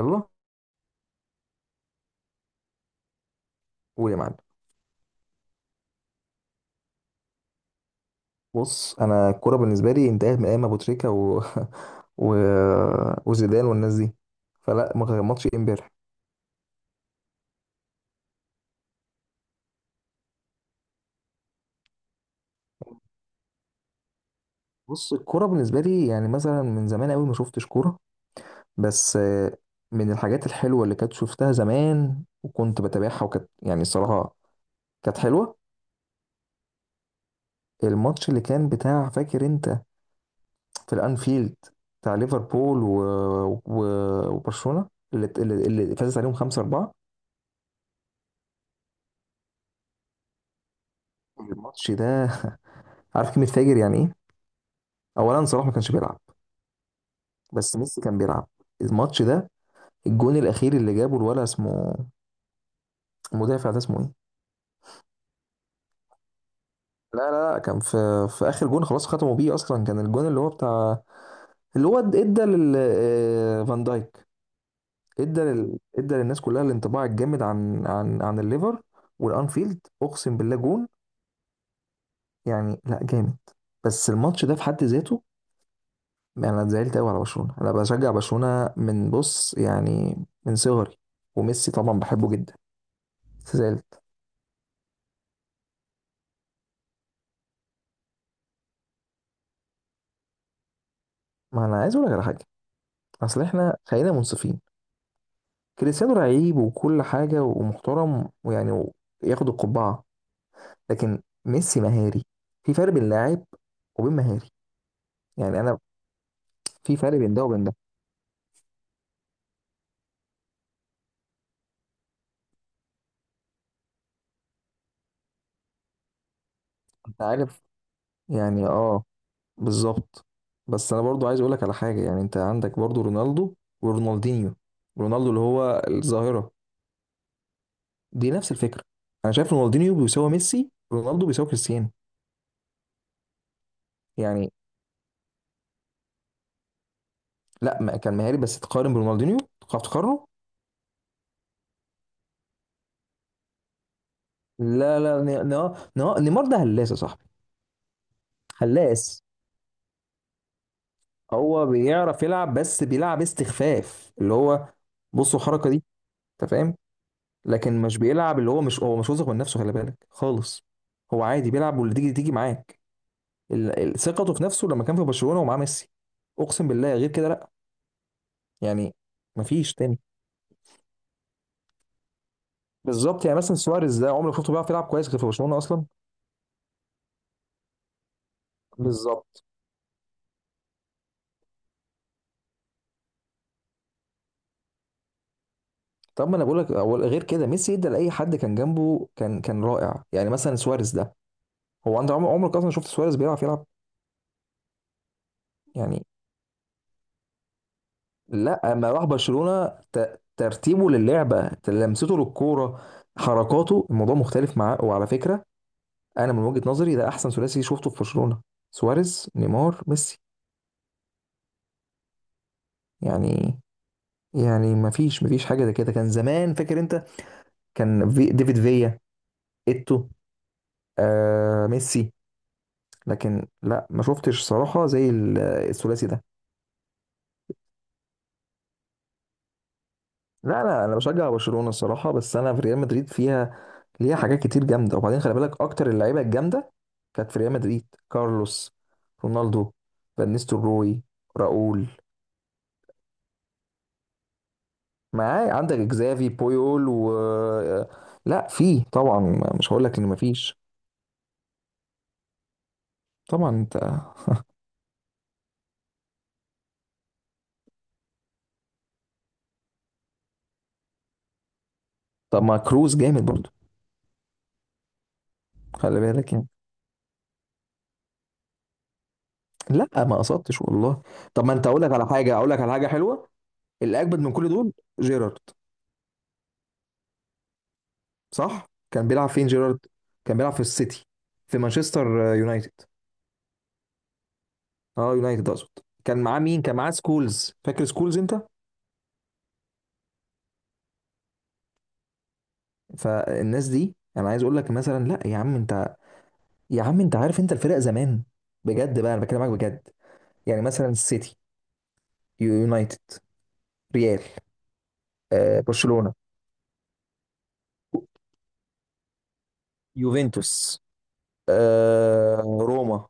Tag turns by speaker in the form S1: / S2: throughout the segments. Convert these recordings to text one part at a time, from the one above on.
S1: يلا، قول يا معلم. بص، انا الكوره بالنسبه لي انتهت من ايام ابو تريكه و... وزيدان والناس دي، فلا ما كان ماتش إيه امبارح. بص الكوره بالنسبه لي يعني مثلا من زمان قوي ما شفتش كوره، بس من الحاجات الحلوه اللي كانت شفتها زمان وكنت بتابعها وكانت يعني الصراحه كانت حلوه. الماتش اللي كان بتاع، فاكر انت، في الانفيلد، بتاع ليفربول و... وبرشلونه اللي فازت عليهم 5-4. الماتش ده عارف كلمه فاجر يعني ايه. اولا صلاح ما كانش بيلعب، بس ميسي كان بيلعب الماتش ده. الجون الاخير اللي جابه الولا اسمه، المدافع ده اسمه ايه، لا كان في، في اخر جون خلاص ختموا بيه اصلا، كان الجون اللي هو بتاع، اللي هو ادى لل فان دايك. ادى للناس كلها الانطباع الجامد عن الليفر والانفيلد، اقسم بالله جون يعني لا جامد. بس الماتش ده في حد ذاته، يعني انا اتزعلت قوي على برشلونة. انا بشجع برشلونة من، بص يعني، من صغري، وميسي طبعا بحبه جدا. زعلت. ما انا عايز اقول لك على حاجه، اصل احنا خلينا منصفين، كريستيانو لعيب وكل حاجه ومحترم ويعني وياخد القبعه، لكن ميسي مهاري. في فرق بين لاعب وبين مهاري. يعني انا في فرق بين ده وبين ده. انت عارف يعني اه، بالظبط. بس انا برضو عايز اقول لك على حاجه، يعني انت عندك برضو رونالدو ورونالدينيو. رونالدو اللي هو الظاهره، دي نفس الفكره. انا شايف رونالدينيو بيساوي ميسي، رونالدو بيساوي كريستيانو. يعني لا ما كان مهاري بس تقارن برونالدينيو، تعرف تقارنه. لا لا ن- ن- ن- نيمار ده هلاس يا صاحبي. هلاس. هو بيعرف يلعب بس بيلعب استخفاف، اللي هو بصوا الحركه دي، انت فاهم. لكن مش بيلعب، اللي هو مش، هو مش واثق من نفسه، خلي بالك خالص. هو عادي بيلعب، واللي تيجي تيجي معاك. ثقته في نفسه لما كان في برشلونه ومعاه ميسي، اقسم بالله غير كده لا. يعني مفيش تاني. بالظبط، يعني مثلا سواريز ده عمرك شفته بيعرف يلعب كويس غير في برشلونه اصلا. بالظبط. طب ما انا بقول لك، غير كده ميسي ادى لاي حد كان جنبه، كان كان رائع. يعني مثلا سواريز ده، هو انت عمرك اصلا شفت سواريز بيعرف يلعب؟ يعني لا، اما راح برشلونة ترتيبه للعبة، لمسته للكورة، حركاته، الموضوع مختلف معاه. وعلى فكرة انا من وجهة نظري ده احسن ثلاثي شفته في برشلونة: سواريز، نيمار، ميسي. يعني يعني ما فيش حاجة زي كده. كان زمان، فاكر انت، كان في ديفيد فيا، ايتو، آه ميسي، لكن لا ما شفتش صراحة زي الثلاثي ده. لا انا انا بشجع برشلونة الصراحة، بس انا في ريال مدريد فيها، ليها حاجات كتير جامده. وبعدين خلي بالك اكتر اللعيبه الجامده كانت في ريال مدريد: كارلوس، رونالدو، فان نيستلروي، راؤول. معاه عندك اكزافي بويول و، لا في طبعا، مش هقول لك ان مفيش. طبعا انت. طب ما كروز جامد برضو، خلي بالك يعني. لا ما قصدتش والله. طب ما انت، اقول لك على حاجه، اقول لك على حاجه حلوه. اللي اجمد من كل دول جيرارد. صح، كان بيلعب فين جيرارد؟ كان بيلعب في السيتي، في مانشستر يونايتد. اه يونايتد اقصد. كان معاه مين، كان معاه سكولز، فاكر سكولز انت؟ فالناس دي انا عايز اقول لك مثلا، لا يا عم انت، يا عم انت عارف انت الفرق زمان، بجد بقى انا بكلمك بجد. يعني مثلا السيتي، يونايتد، ريال، آه برشلونة، يوفنتوس، آه روما،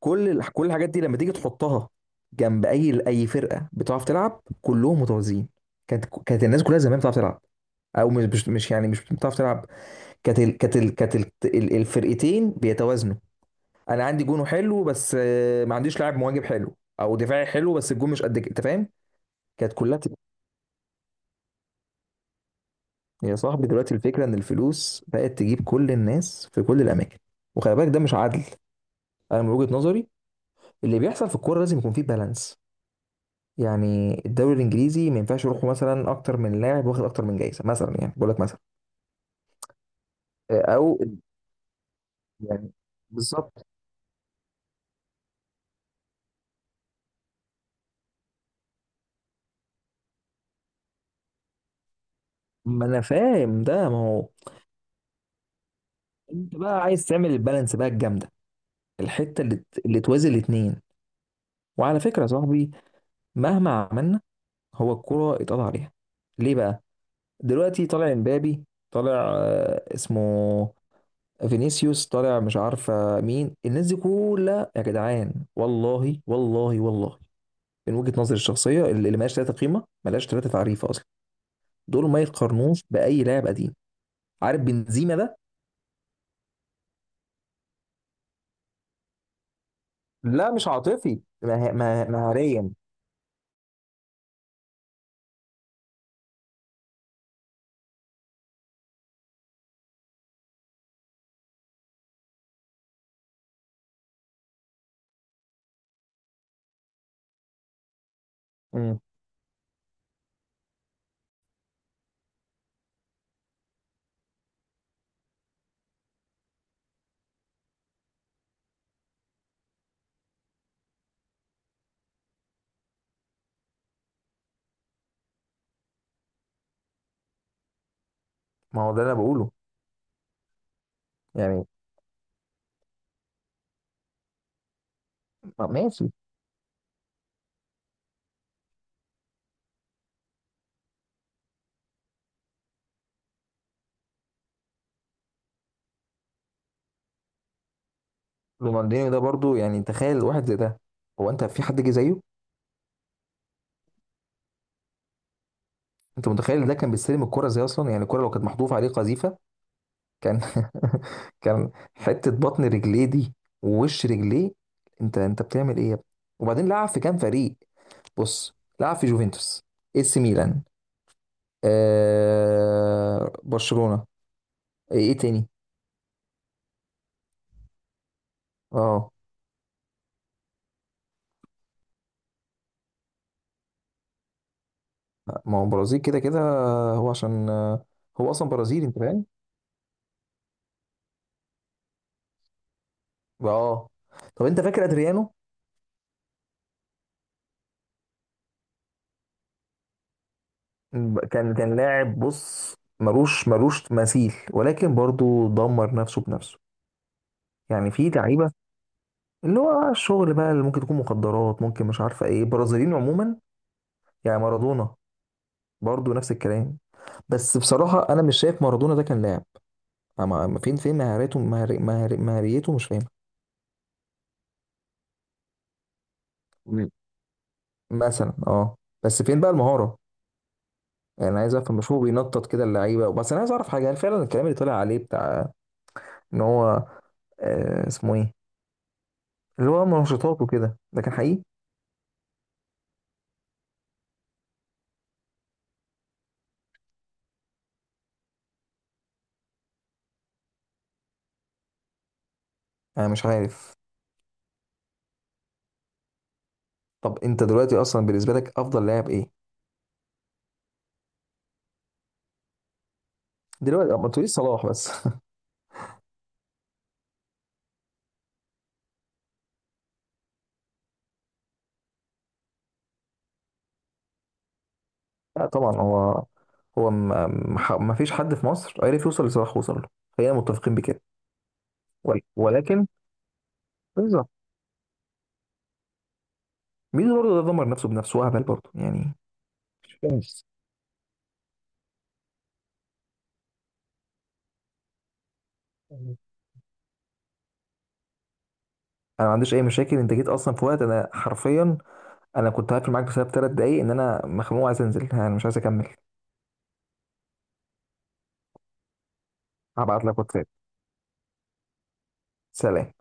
S1: كل الحاجات دي لما تيجي تحطها جنب اي اي فرقه بتعرف تلعب، كلهم متوازيين. كانت الناس كلها زمان بتعرف تلعب، او مش يعني مش بتعرف تلعب، كانت الفرقتين بيتوازنوا. انا عندي جونه حلو بس ما عنديش لاعب مواجب حلو او دفاعي حلو، بس الجون مش قد كده، انت فاهم. كانت كلها تبقى. يا صاحبي دلوقتي الفكره ان الفلوس بقت تجيب كل الناس في كل الاماكن، وخلي بالك ده مش عدل. انا من وجهه نظري اللي بيحصل في الكوره لازم يكون فيه بالانس. يعني الدوري الانجليزي ما ينفعش يروحوا مثلا اكتر من لاعب واخد اكتر من جايزه مثلا، يعني بقول لك مثلا، او يعني، بالظبط. ما انا فاهم ده، ما هو. انت بقى عايز تعمل البالانس بقى الجامده، الحته اللي اللي توازي الاثنين. وعلى فكره يا صاحبي، مهما عملنا، هو الكره اتقضى عليها. ليه بقى؟ دلوقتي طالع امبابي، طالع اسمه فينيسيوس، طالع مش عارفه مين الناس دي كلها، يا جدعان والله والله والله من وجهه نظري الشخصيه اللي ملهاش ثلاثه قيمه، ملهاش ثلاثه تعريف اصلا. دول ما يتقارنوش باي لاعب قديم. عارف بنزيما ده. لا مش عاطفي، مهاريا. مم. ما هو ده اللي انا بقوله. يعني ماشي. رونالدينيو ده برضو، يعني تخيل واحد زي ده. هو انت في حد جه زيه؟ انت متخيل ده كان بيستلم الكرة زي، اصلا يعني الكرة لو كانت محذوفة عليه قذيفة كان كان حتة بطن رجليه دي، ووش رجليه. انت انت بتعمل ايه يا ابني. وبعدين لعب في كام فريق. بص، لعب في جوفنتوس، اي سي ميلان، آه برشلونة، ايه إيه تاني. اه. ما هو برازيل كده كده، هو عشان هو اصلا برازيلي، انت فاهم. اه. طب انت فاكر ادريانو؟ كان لاعب، بص، ملوش مثيل، ولكن برضو دمر نفسه بنفسه. يعني في لعيبه اللي هو الشغل بقى، اللي ممكن تكون مخدرات، ممكن مش عارفه ايه، برازيليين عموما. يعني مارادونا برضو نفس الكلام، بس بصراحه انا مش شايف مارادونا ده كان لاعب. أما فين، فين مهارته، مهاريته، مش فاهم. مم. مثلا اه. بس فين بقى المهاره؟ يعني انا عايز افهم، مش هو بينطط كده اللعيبه. بس انا عايز اعرف حاجه، هل فعلا الكلام اللي طلع عليه بتاع ان هو، آه اسمه ايه، اللي هو منشطات وكده، لكن حقيقي؟ انا مش عارف. طب انت دلوقتي اصلا بالنسبه لك افضل لاعب ايه؟ دلوقتي ما تقوليش صلاح بس لا طبعا هو، هو ما فيش حد في مصر عرف يوصل لصلاح، وصل له. خلينا متفقين بكده. ولكن بالظبط. ميدو برضه ده دمر نفسه بنفسه، هبل برضه يعني. مش فاهم. انا ما عنديش اي مشاكل، انت جيت اصلا في وقت انا حرفيا، انا كنت هقفل معاك بسبب 3 دقايق، ان انا مخنوق عايز انزل، انا مش عايز اكمل. هبعت لك واتساب. سلام.